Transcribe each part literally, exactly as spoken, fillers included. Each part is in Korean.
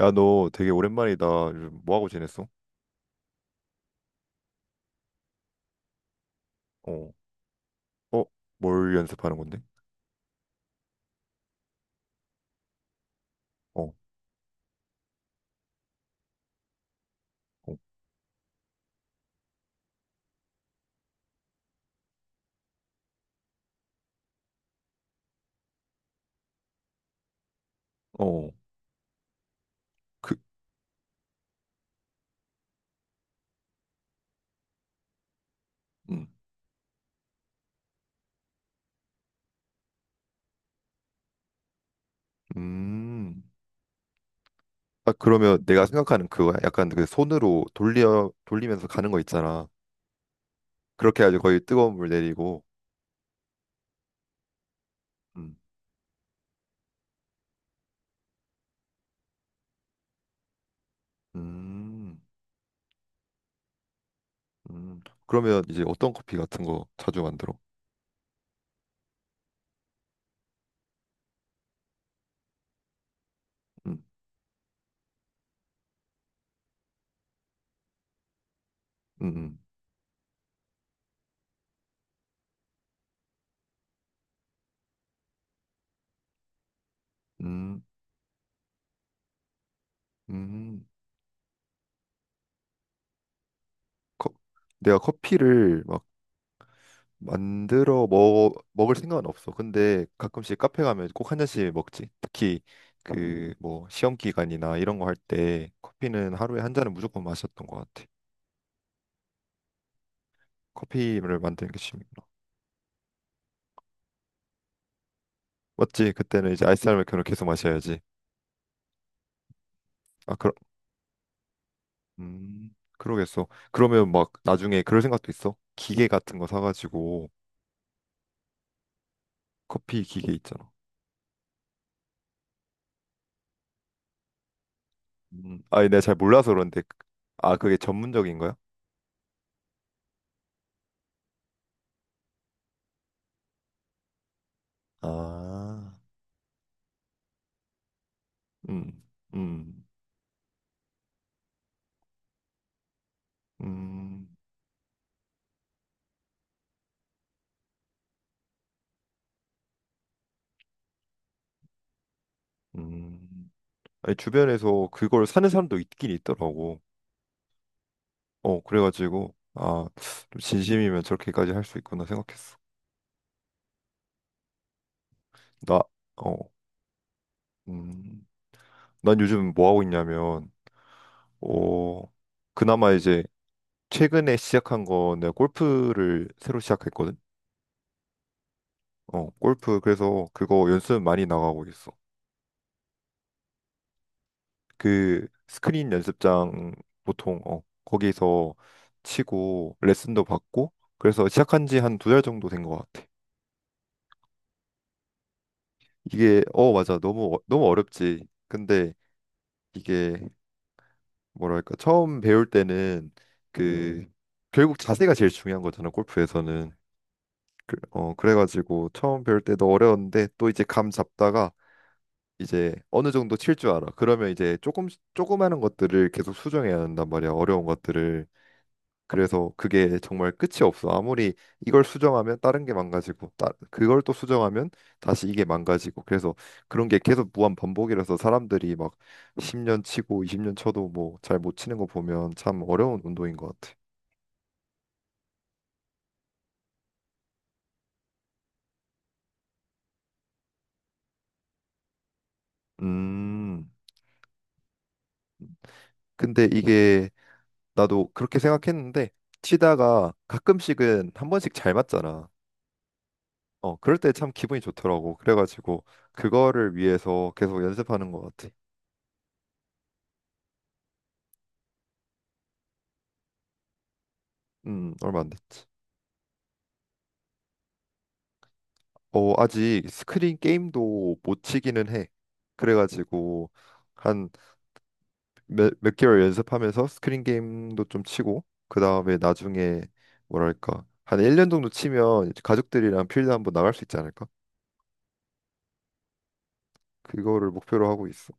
야, 너 되게 오랜만이다. 요즘 뭐 하고 지냈어? 어. 어. 뭘 연습하는 건데? 어. 어. 어. 그. 음. 음. 아, 그러면 내가 생각하는 그거야? 약간 그 손으로 돌려, 돌리면서 가는 거 있잖아. 그렇게 해야지 거의 뜨거운 물 내리고. 음. 음. 음. 그러면 이제 어떤 커피 같은 거 자주 만들어? 음. 음. 음. 음. 음. 커-. 내가 커피를 막 만들어 먹 먹을 생각은 없어. 근데 가끔씩 카페 가면 꼭 한 잔씩 먹지. 특히 그 뭐 시험 기간이나 이런 거 할 때 커피는 하루에 한 잔은 무조건 마셨던 것 같아. 커피를 만드는 게 취미구나. 맞지? 그때는 이제 아이스 아메리카노 계속 마셔야지. 아, 그럼 음, 그러겠어. 그러면 막 나중에 그럴 생각도 있어. 기계 같은 거 사가지고 커피 기계 있잖아. 음, 아니 내가 잘 몰라서 그런데 그. 아 그게 전문적인 거야? 아. 음. 음. 음. 음, 아니, 주변에서 그걸 사는 사람도 있긴 있더라고. 어, 그래가지고, 아, 좀 진심이면 저렇게까지 할 수 있구나 생각했어. 나. 어. 음. 난 요즘 뭐 하고 있냐면, 어, 그나마 이제 최근에 시작한 거 내가 골프를 새로 시작했거든. 어, 골프, 그래서 그거 연습 많이 나가고 있어. 그 스크린 연습장 보통, 어, 거기서 치고 레슨도 받고, 그래서 시작한 지 한 두 달 정도 된 것 같아. 이게 어 맞아 너무 어- 너무 어렵지. 근데 이게 뭐랄까 처음 배울 때는 그 결국 자세가 제일 중요한 거잖아 골프에서는. 그, 어 그래가지고 처음 배울 때도 어려웠는데 또 이제 감 잡다가 이제 어느 정도 칠 줄 알아. 그러면 이제 조금 조금 하는 것들을 계속 수정해야 한단 말이야. 어려운 것들을. 그래서 그게 정말 끝이 없어. 아무리 이걸 수정하면 다른 게 망가지고, 따, 그걸 또 수정하면 다시 이게 망가지고. 그래서 그런 게 계속 무한 반복이라서 사람들이 막 십 년 치고 이십 년 쳐도 뭐 잘 못 치는 거 보면 참 어려운 운동인 것 같아. 음, 근데 이게 나도 그렇게 생각했는데 치다가 가끔씩은 한 번씩 잘 맞잖아. 어, 그럴 때 참 기분이 좋더라고. 그래가지고 그거를 위해서 계속 연습하는 것 같아. 음, 얼마 안 됐지. 어, 아직 스크린 게임도 못 치기는 해. 그래가지고 한 몇, 몇 개월 연습하면서 스크린 게임도 좀 치고 그 다음에 나중에 뭐랄까 한 일 년 정도 치면 이제 가족들이랑 필드 한번 나갈 수 있지 않을까? 그거를 목표로 하고 있어.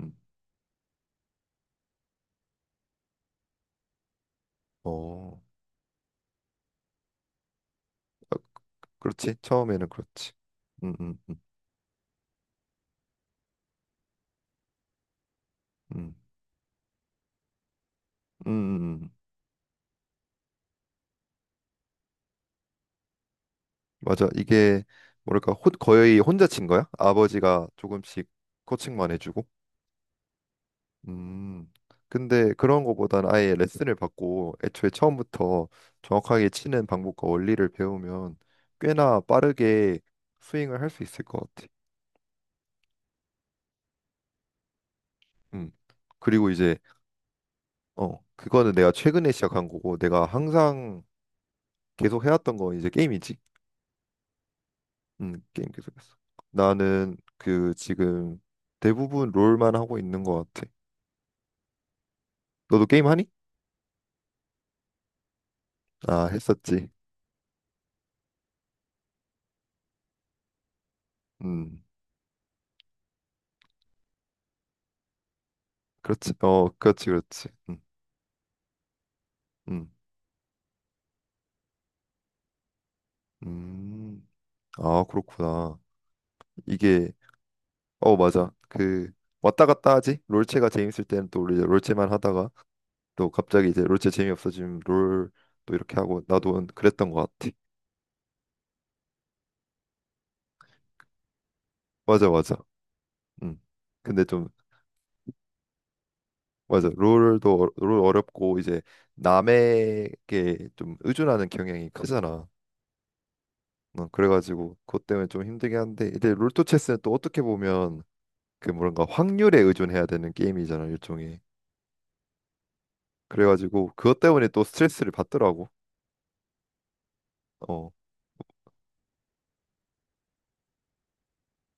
음. 어, 아, 그렇지. 처음에는 그렇지. 음. 음. 음. 음. 음. 음. 음. 맞아. 이게 뭐랄까 호, 거의 혼자 친 거야? 아버지가 조금씩 코칭만 해주고. 음, 근데 그런 거보다는 아예 레슨을 받고 애초에 처음부터 정확하게 치는 방법과 원리를 배우면 꽤나 빠르게 스윙을 할 수 있을 것 같아. 음. 그리고 이제 어, 그거는 내가 최근에 시작한 거고 내가 항상 계속 해왔던 건 이제 게임이지. 음, 게임 계속했어. 나는 그 지금 대부분 롤만 하고 있는 것 같아. 너도 게임 하니? 아, 했었지. 음, 그렇지. 어, 그렇지, 그렇지. 음. 음. 음. 아, 그렇구나. 이게 어 맞아. 그 왔다 갔다 하지. 롤체가 재밌을 때는 또 우리 이제 롤체만 하다가 또 갑자기 이제 롤체 재미없어지면 롤 또 이렇게 하고 나도 그랬던 것 같아. 맞아, 맞아. 음. 근데 좀 맞아. 롤도 어- 롤 어렵고 이제 남에게 좀 의존하는 경향이 크잖아. 어, 그래가지고 그것 때문에 좀 힘들긴 한데 근데 롤토 체스는 또 어떻게 보면 그 뭔가 확률에 의존해야 되는 게임이잖아 일종의. 그래가지고 그것 때문에 또 스트레스를 받더라고. 어.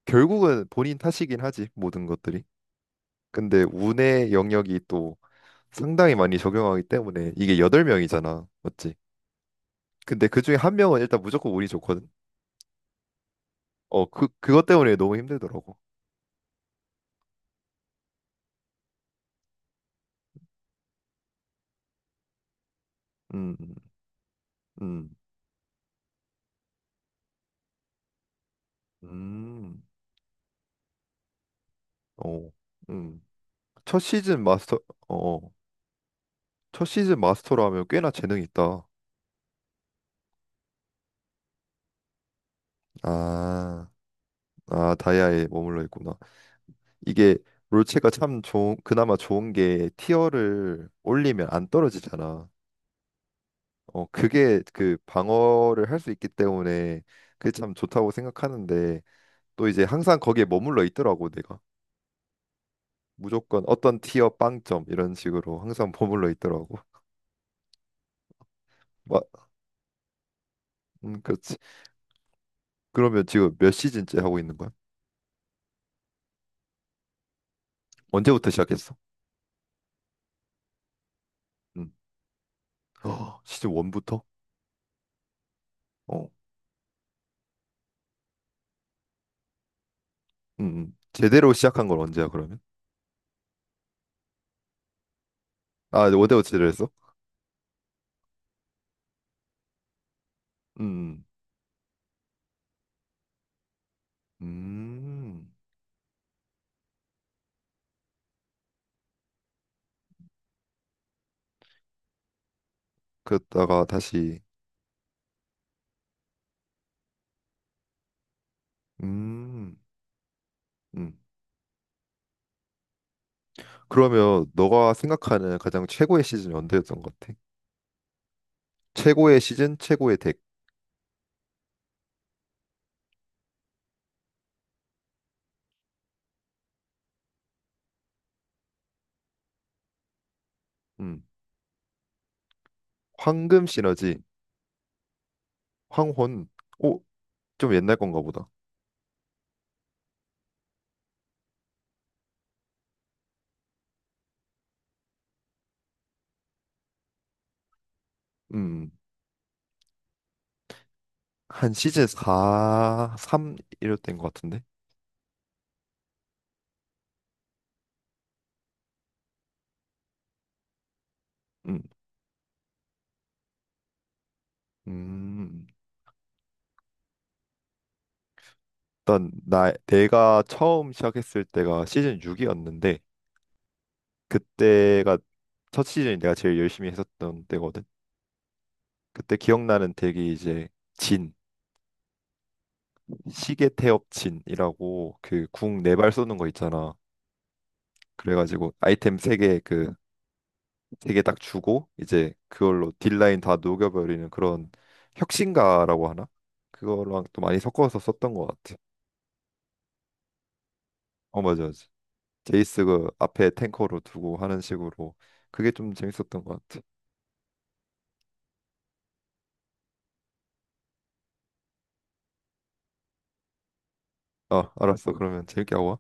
결국은 본인 탓이긴 하지 모든 것들이. 근데 운의 영역이 또 상당히 많이 적용하기 때문에 이게 여덟 명이잖아. 맞지? 근데 그중에 한 명은 일단 무조건 운이 좋거든. 어, 그 그것 때문에 너무 힘들더라고. 음. 음. 음. 어. 음. 첫 시즌 마스터. 어. 어. 첫 시즌 마스터로 하면 꽤나 재능이 있다. 아. 아, 다이아에 머물러 있구나. 이게 롤체가 참 좋은 그나마 좋은 게 티어를 올리면 안 떨어지잖아. 어, 그게 그 방어를 할 수 있기 때문에 그게 참 좋다고 생각하는데 또 이제 항상 거기에 머물러 있더라고 내가. 무조건 어떤 티어 빵점 이런 식으로 항상 머물러 있더라고. 막 음, 그렇지. 그러면 지금 몇 시즌째 하고 있는 거야? 언제부터 시작했어? 음. 어, 시즌 일부터? 어. 음. 음. 제대로 시작한 건 언제야 그러면? 아, 원데워치를 했어? 음. 음. 그랬다가 다시 음. 음. 그러면 너가 생각하는 가장 최고의 시즌이 언제였던 것 같아? 최고의 시즌, 최고의 덱. 음. 황금 시너지, 황혼. 오, 좀 옛날 건가 보다. 음. 음. 한 시즌 사, 삼 이럴 때인 것 같은데. 음. 음. 일단 나 내가 처음 시작했을 때가 시즌 육이었는데 그때가 첫 시즌이 내가 제일 열심히 했었던 때거든. 그때 기억나는 덱이 이제 진, 시계 태엽 진이라고 그 궁 네발 쏘는 거 있잖아. 그래가지고 아이템 세 개 그 세 개 딱 주고 이제 그걸로 딜라인 다 녹여버리는 그런 혁신가라고 하나? 그거랑 또 많이 섞어서 썼던 것 같아. 어 맞아, 맞아. 제이스 그 앞에 탱커로 두고 하는 식으로 그게 좀 재밌었던 것 같아. 어 알았어. 그러면 재밌게 하고 와.